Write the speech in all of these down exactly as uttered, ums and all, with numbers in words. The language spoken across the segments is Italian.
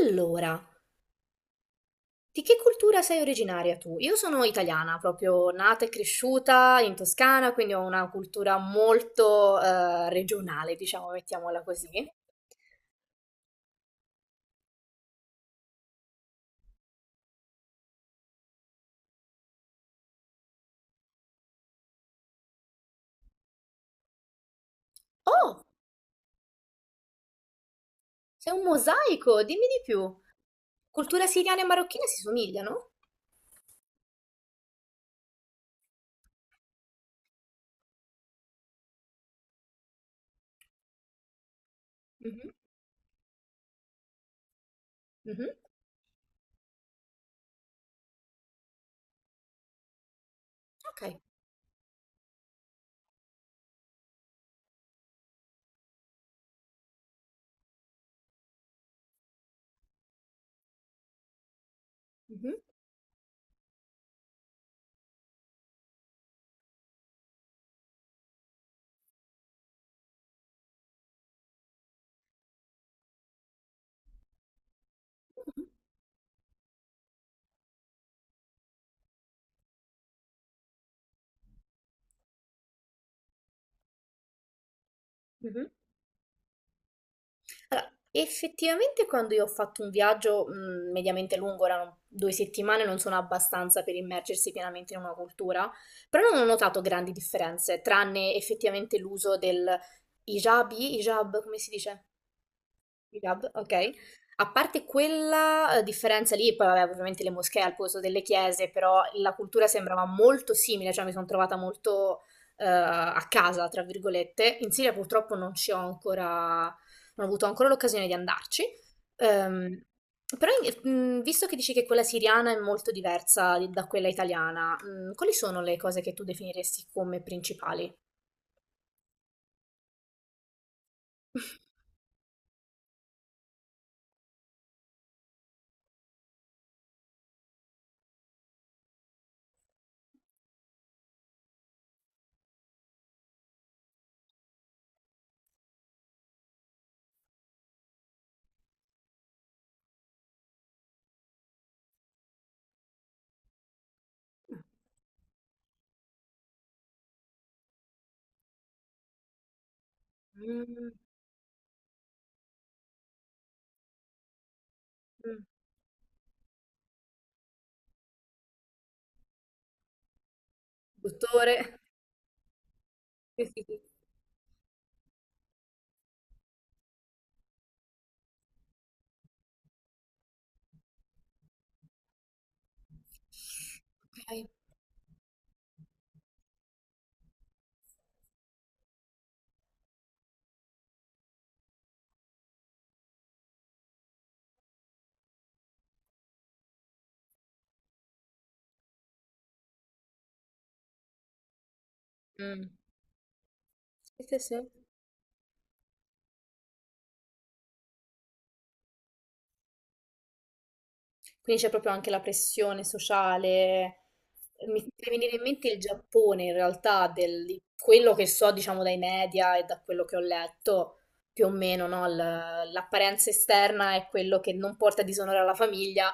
Allora, di che cultura sei originaria tu? Io sono italiana, proprio nata e cresciuta in Toscana, quindi ho una cultura molto eh, regionale, diciamo, mettiamola così. Oh, sei un mosaico, dimmi di più. Cultura siriana e marocchina si somigliano? Mhm, mhm. Ok. Mhm, mhm, mhm. Allora, effettivamente quando io ho fatto un viaggio, mhmm, mediamente lungo, erano due settimane, non sono abbastanza per immergersi pienamente in una cultura, però non ho notato grandi differenze, tranne effettivamente l'uso del hijab, hijab come si dice? Hijab, ok. A parte quella eh, differenza lì, poi vabbè, ovviamente le moschee al posto delle chiese, però la cultura sembrava molto simile, cioè mi sono trovata molto eh, a casa, tra virgolette. In Siria purtroppo non ci ho ancora, non ho avuto ancora l'occasione di andarci. Ehm, Però in- mh, visto che dici che quella siriana è molto diversa di- da quella italiana, mh, quali sono le cose che tu definiresti come principali? Mm, mm. Dottore? Ok. Mm. Sì, sì, sì. Quindi c'è proprio anche la pressione sociale. Mi fa venire in mente il Giappone, in realtà, del- di quello che so, diciamo, dai media e da quello che ho letto, più o meno, no? L- L'apparenza esterna è quello che non porta disonore alla famiglia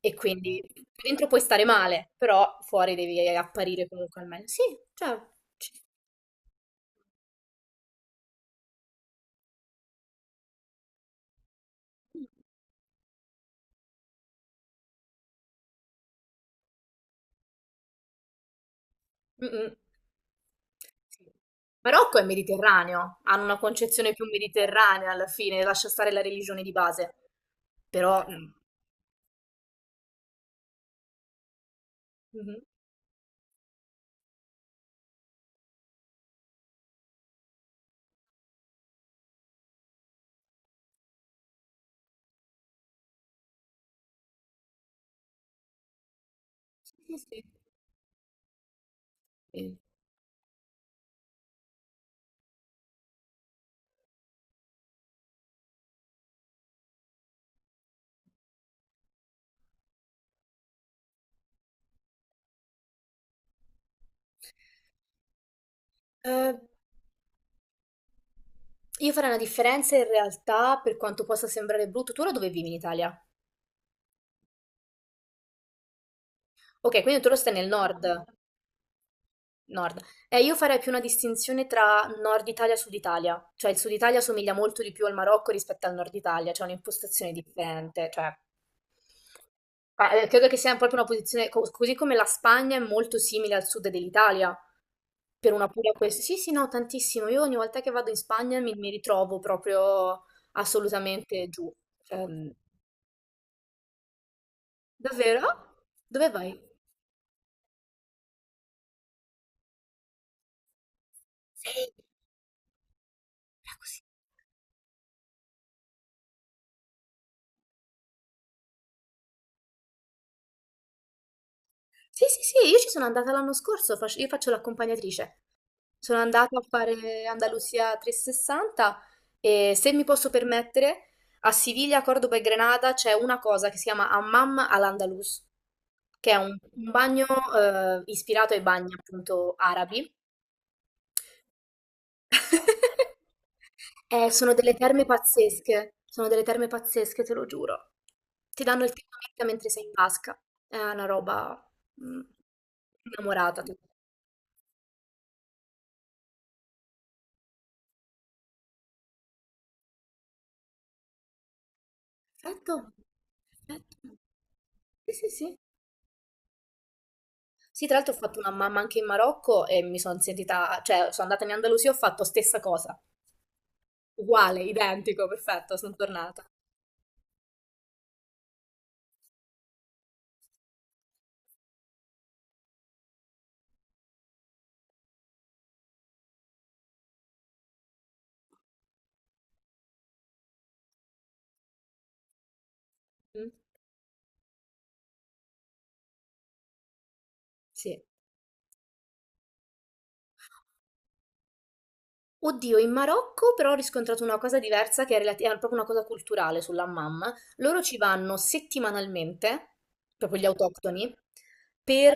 e quindi dentro puoi stare male, però fuori devi apparire comunque al meglio. Sì, cioè, ci- Mh-mh. Sì. Marocco è mediterraneo, hanno una concezione più mediterranea alla fine, lascia stare la religione di base. Però mh. Mh-mh. Sì, sì, sì. Sì. Ehm, io farei una differenza in realtà, per quanto possa sembrare brutto. Tu ora dove vivi in Italia? Okay, quindi tu ora stai nel nord nord. Eh, io farei più una distinzione tra Nord Italia e Sud Italia, cioè il Sud Italia somiglia molto di più al Marocco rispetto al Nord Italia, c'è un'impostazione differente, cioè. Ma, eh, credo che sia proprio una posizione, co- così come la Spagna è molto simile al sud dell'Italia, per una pura questione. Sì, sì, no, tantissimo. Io ogni volta che vado in Spagna mi, mi ritrovo proprio assolutamente giù. Cioè, davvero? Ah, dove vai? Sei Sì, sì, sì, io ci sono andata l'anno scorso, fac- io faccio l'accompagnatrice. Sono andata a fare Andalusia trecentosessanta e se mi posso permettere, a Siviglia, Cordoba e Granada c'è una cosa che si chiama Hammam al-Andalus, che è un, un bagno eh, ispirato ai bagni appunto arabi. Eh, sono delle terme pazzesche, sono delle terme pazzesche, te lo giuro. Ti danno il termomix mentre sei in vasca. È una roba mm, innamorata. Tu. Perfetto, perfetto. Sì, sì, sì. Sì, tra l'altro ho fatto una mamma anche in Marocco e mi sono sentita, cioè sono andata in Andalusia e ho fatto stessa cosa, uguale, identico, perfetto, sono tornata. Mm. Sì. Oddio, in Marocco però ho riscontrato una cosa diversa che è, relati- è proprio una cosa culturale sull'hammam. Loro ci vanno settimanalmente, proprio gli autoctoni, per,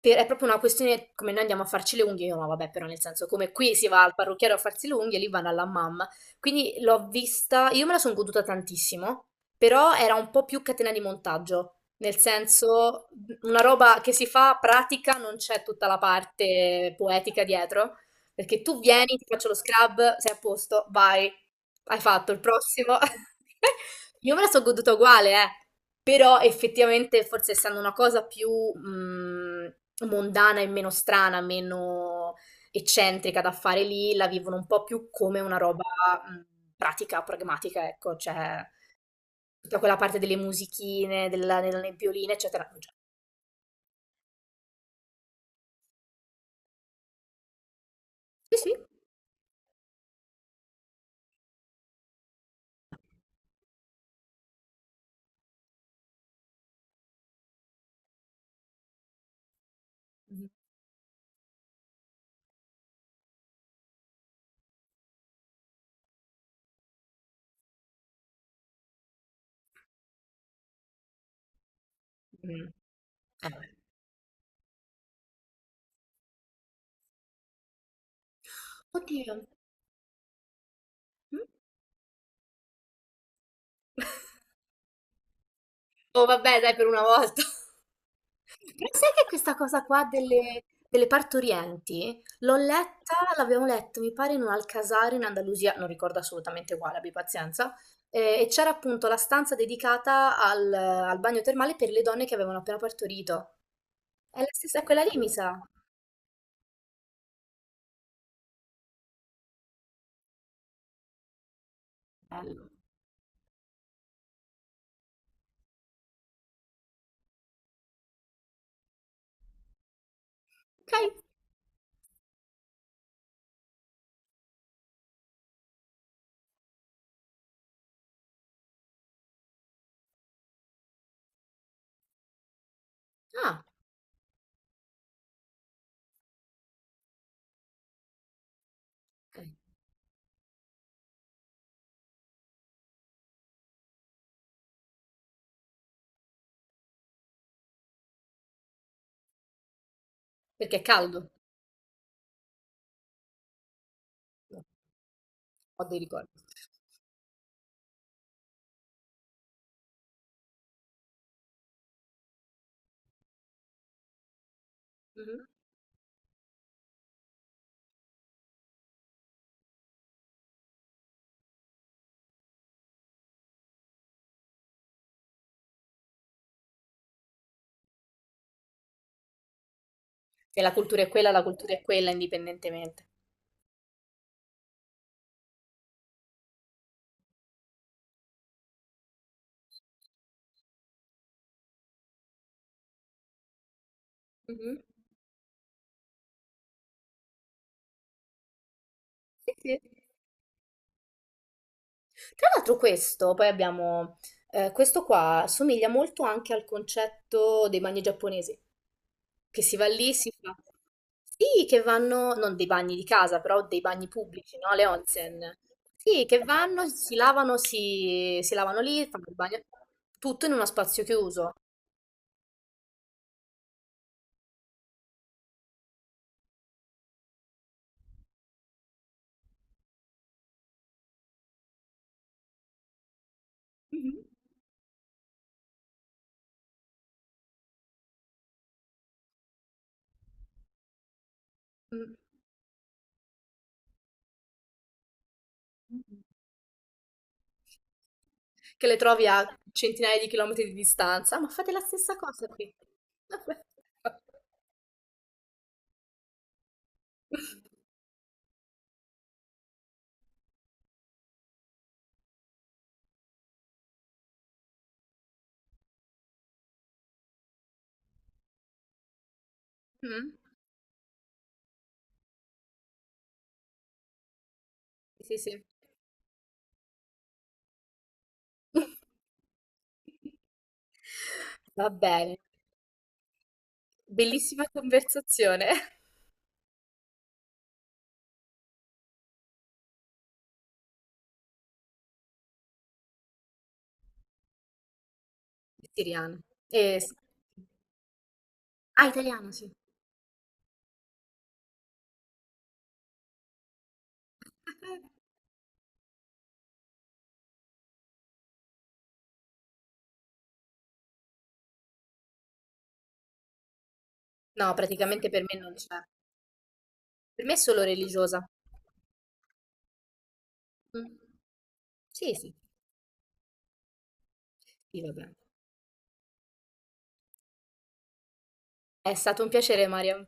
per- è proprio una questione come noi andiamo a farci le unghie, io no, vabbè, però nel senso come qui si va al parrucchiere a farsi le unghie, lì vanno all'hammam. Quindi l'ho vista, io me la sono goduta tantissimo, però era un po' più catena di montaggio. Nel senso, una roba che si fa pratica, non c'è tutta la parte poetica dietro. Perché tu vieni, ti faccio lo scrub, sei a posto, vai, hai fatto il prossimo. Io me la so goduta uguale, eh. Però effettivamente, forse essendo una cosa più mm, mondana e meno strana, meno eccentrica da fare lì, la vivono un po' più come una roba mm, pratica, pragmatica, ecco, cioè tutta quella parte delle musichine, della, delle nebbioline, eccetera. Cioè, sì, sì. Mm, mm. Eh, oddio. Mm. Oh vabbè, dai, per una volta. Però sai che questa cosa qua delle, delle partorienti l'ho letta, l'abbiamo letta, mi pare, in un Alcasar in Andalusia, non ricordo assolutamente quale, abbi pazienza, eh, e c'era appunto la stanza dedicata al, al bagno termale per le donne che avevano appena partorito. È la stessa, è quella lì, mi sa. Bello. Ok. Ah, ok. Perché è caldo. Ho dei ricordi. Mhm. Se la cultura è quella, la cultura è quella, indipendentemente. Mhm. Sì, sì. Tra l'altro questo, poi abbiamo, eh, questo qua somiglia molto anche al concetto dei bagni giapponesi, che si va lì, si fa... Sì, che vanno, non dei bagni di casa, però dei bagni pubblici, no? Le onsen. Sì, che vanno, si lavano, si, si lavano lì, fanno il bagno, tutto in uno spazio chiuso. Mhm. Mm. Che le trovi a centinaia di chilometri di distanza, ma fate la stessa cosa qui. Vabbè. Mm. Sì, sì. Va bene, bellissima conversazione. Siriano. Eh, s- ah, italiano, sì. No, praticamente per me non c'è. Per me è solo religiosa. Mm. Sì, sì. Sì, vabbè. È stato un piacere, Maria.